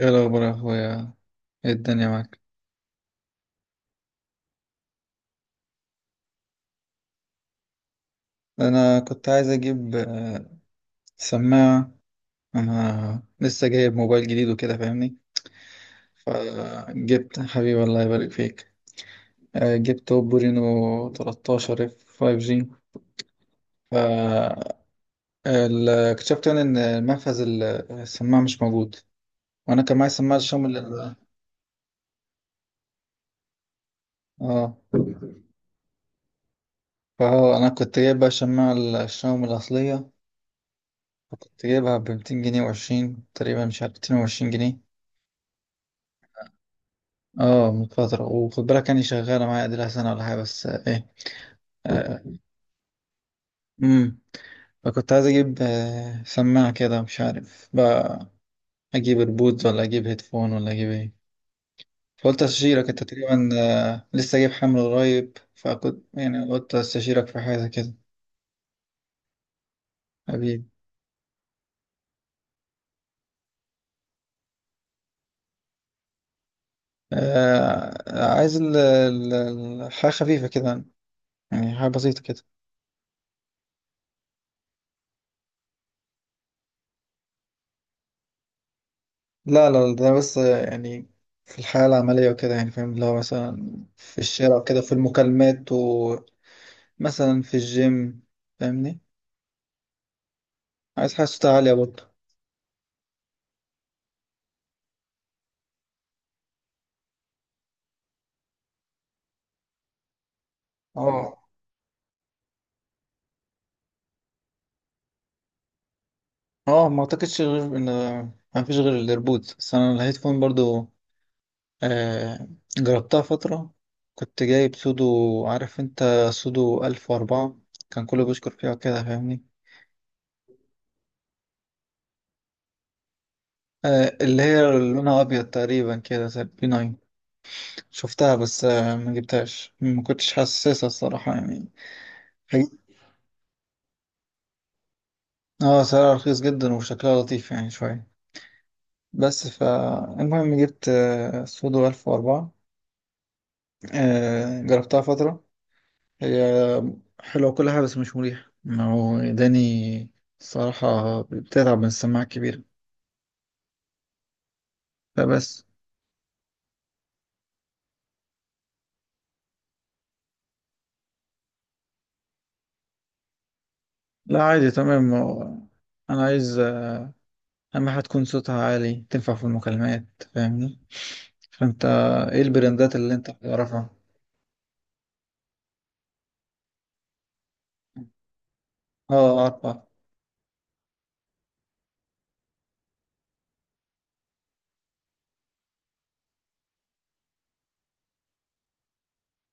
ايه الاخبار يا اخويا؟ ايه الدنيا معاك؟ انا كنت عايز اجيب سماعه. انا لسه جايب موبايل جديد وكده، فاهمني. فجبت. حبيبي، الله يبارك فيك. جبت اوبو رينو 13 اف 5 جي. ف اكتشفت يعني ان منفذ السماعه مش موجود. وانا كان معايا سماعه شاومي اه. فهو انا كنت جايب بقى سماعه الشاومي الاصليه، كنت جايبها ب 200 جنيه وعشرين تقريبا، مش عارف، 220 جنيه. اه، من فترة. وخد بالك يعني شغالة معايا، اديلها سنة ولا حاجة، بس ايه. آه، امم فكنت عايز اجيب سماعة كده، مش عارف بقى اجيب ايربودز ولا اجيب هيدفون ولا اجيب ايه؟ فقلت استشيرك انت تقريبا. لسه جايب حمل قريب، فكنت يعني قلت استشيرك في حاجة كده. حبيبي. آه، عايز الحاجة خفيفة كده، يعني حاجة بسيطة كده. لا لا لا، ده بس يعني في الحياة العملية وكده، يعني فاهم اللي هو مثلا في الشارع وكده، في المكالمات. ومثلا في الجيم، فاهمني. عايز حاجة صوتها عالية برضه. اه، اه، ما اعتقدش غير ان ما فيش غير الايربودز، بس انا الهيدفون برضه آه جربتها فترة. كنت جايب سودو، عارف انت؟ سودو ألف وأربعة. كان كله بيشكر فيها كده، فاهمني. اللي هي لونها أبيض تقريبا كده زي البي 9. شفتها بس ما جبتهاش، ما كنتش حاسسها الصراحة يعني. حقيقي. اه، سعرها رخيص جدا وشكلها لطيف يعني شوية. بس فالمهم جبت سودو ألف وأربعة. جربتها فترة. هي حلوة كل حاجة بس مش مريحة، ما هو إداني الصراحة، بتتعب من السماعة الكبيرة. فبس. لا، عادي تمام. هو أنا عايز أهم حاجة تكون صوتها عالي، تنفع في المكالمات، فاهمني؟ فأنت إيه البراندات اللي أنت بتعرفها؟ اه، أعرف.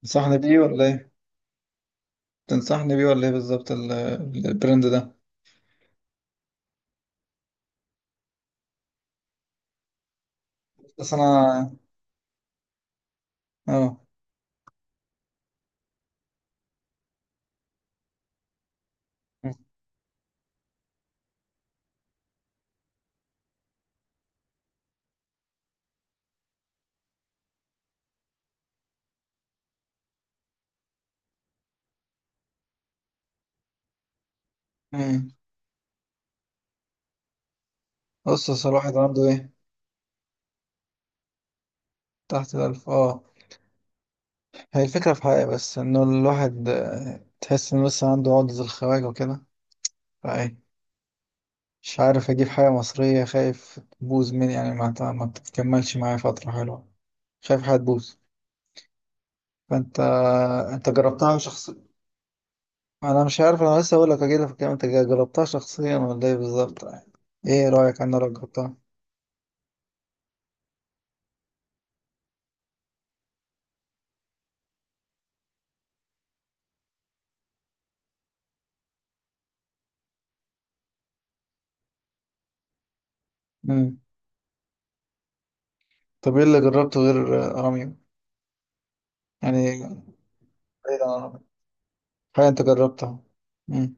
تنصحني بيه ولا ايه؟ تنصحني بيه ولا ايه بالظبط البراند ده؟ بس انا. اه. مم. بص أصل الواحد عنده ايه. تحت الألف، اه. هي الفكرة في حاجة بس، إنه الواحد تحس إنه لسه عنده عقدة الخواجة وكده، فايه، مش عارف أجيب حاجة مصرية، خايف تبوظ مني، يعني ما تكملش معايا فترة حلوة، خايف حاجة تبوظ. فأنت، أنت جربتها شخصيا؟ أنا مش عارف، أنا لسه أقول لك، أجيلك في الكلام. أنت جربتها شخصيا ولا إيه بالظبط يعني؟ إيه رأيك عنها لو جربتها؟ مم. طب ايه اللي جربته غير اراميو يعني؟ بعيد عن اراميو، حاجه انت جربتها. مم.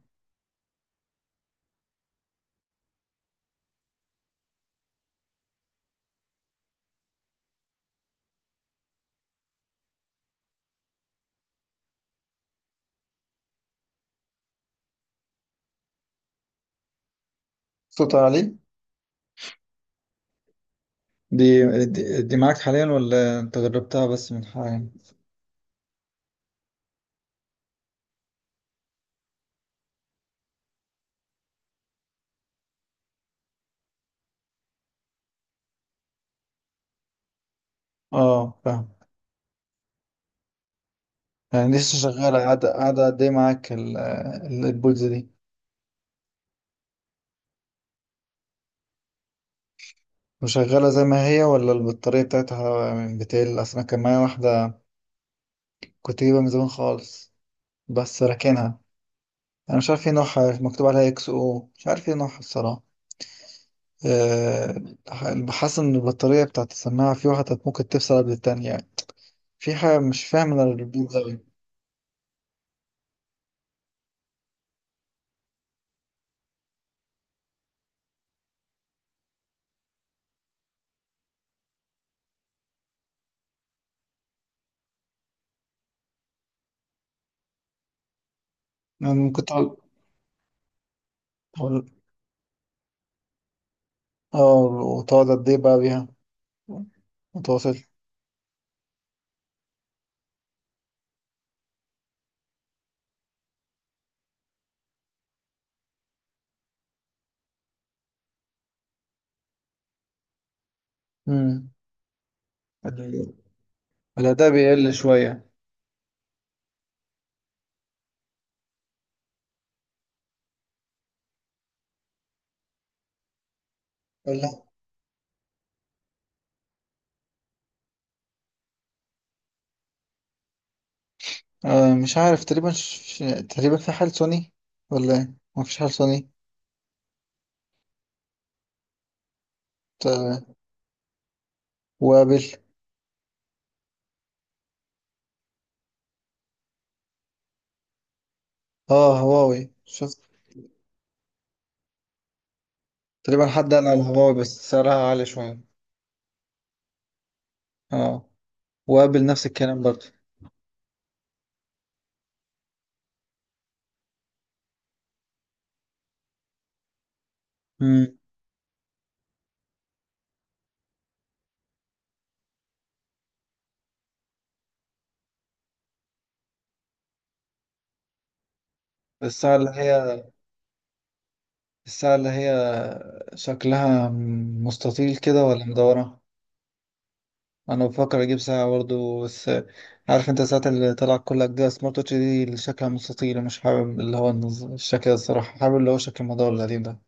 صوت عالي. دي دي معاك حاليا ولا انت جربتها بس من حاليا؟ اه، فاهم. يعني لسه شغاله، قاعده قد ايه معاك البولز دي؟ وشغاله زي ما هي ولا البطاريه بتاعتها من بتقل؟ اصل انا كان معايا واحده، كنت جايبها من زمان خالص بس راكنها. انا مش عارف ايه نوعها، مكتوب عليها اكس او مش عارف ايه نوعها الصراحه. آه، حاسس ان البطارية بتاعت السماعة في واحدة ممكن تفصل قبل التانية يعني. في حاجة مش فاهم انا الريبوت ده أوي. يعني ممكن تقعد، تقول- اه، وتقعد قد ايه بقى بيها متواصل؟ امم ال- الأداء بيقل شوية ولا. مش عارف تقريبا تقريبا في حال سوني ولا ايه؟ مفيش حال سوني؟ ت- وابل. اه، هواوي شفت. تقريبا حد قال على هواوي بس سعرها عالي شوية. اه، وابل نفس الكلام برضه. الساعة اللي هي الساعة اللي هي شكلها مستطيل كده ولا مدورة؟ أنا بفكر أجيب ساعة برضه. بس عارف أنت الساعات اللي طلعت كلها جديدة، سمارت واتش دي اللي شكلها مستطيل، مش حابب اللي هو الشكل ده الصراحة، حابب اللي هو شكل المدور القديم ده.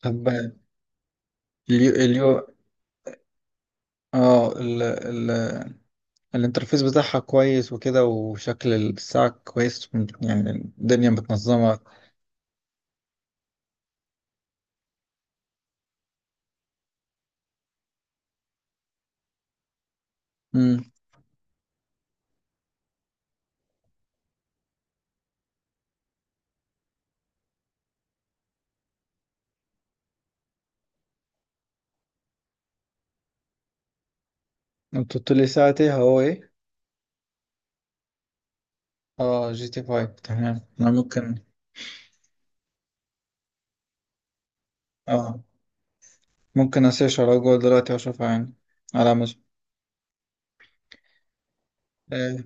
طب اليو اليو اه، ال ال الانترفيس بتاعها كويس وكده، وشكل الساعة كويس، يعني الدنيا متنظمة. امم انت قلت لي ساعة ايه، هو ايه؟ اه، جي تي فايف، تمام. انا اه ممكن اسيرش على جوجل دلوقتي واشوفها، يعني على امازون. اه،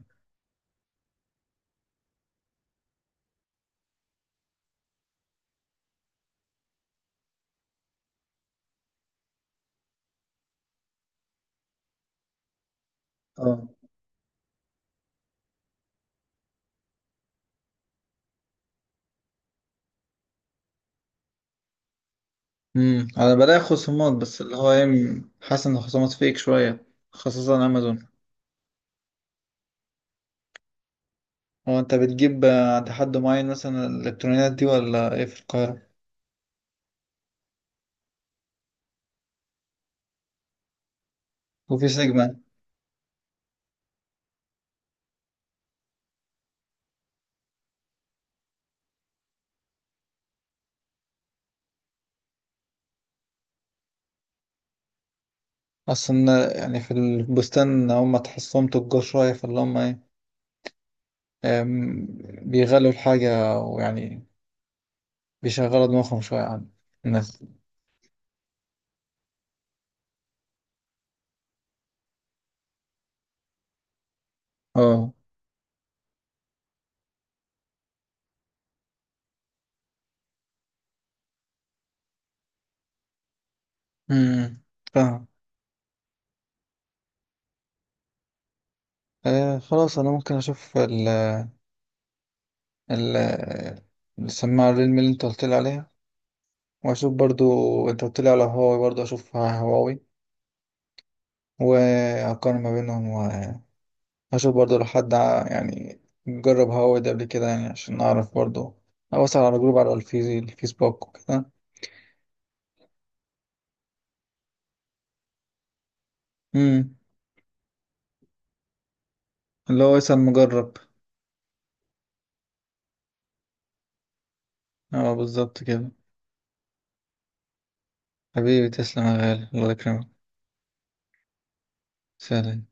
اه. انا بلاقي خصومات بس اللي هو ايه، حاسس ان الخصومات فيك شويه خاصه امازون. هو انت بتجيب عند حد معين مثلا الالكترونيات دي ولا ايه، في القاهره وفي سيجما؟ اصلا يعني في البستان، هم تحسهم تجار شويه فاللي هم ايه، آم، بيغلوا الحاجه ويعني بيشغلوا دماغهم شويه عن الناس. اه. امم فاهم. خلاص، انا ممكن اشوف ال- السماعة الريلمي اللي انت قلت لي عليها، واشوف برضو. انت قلت لي على هواوي برضو، اشوف هواوي واقارن ما بينهم. واشوف برضو لو حد يعني جرب هواوي ده قبل كده، يعني عشان اعرف برضو. اوصل على جروب، على الفيسبوك وكده. امم اللي هو يسأل مجرب. اه، بالظبط كده. حبيبي، تسلم يا غالي، الله يكرمك. سلام.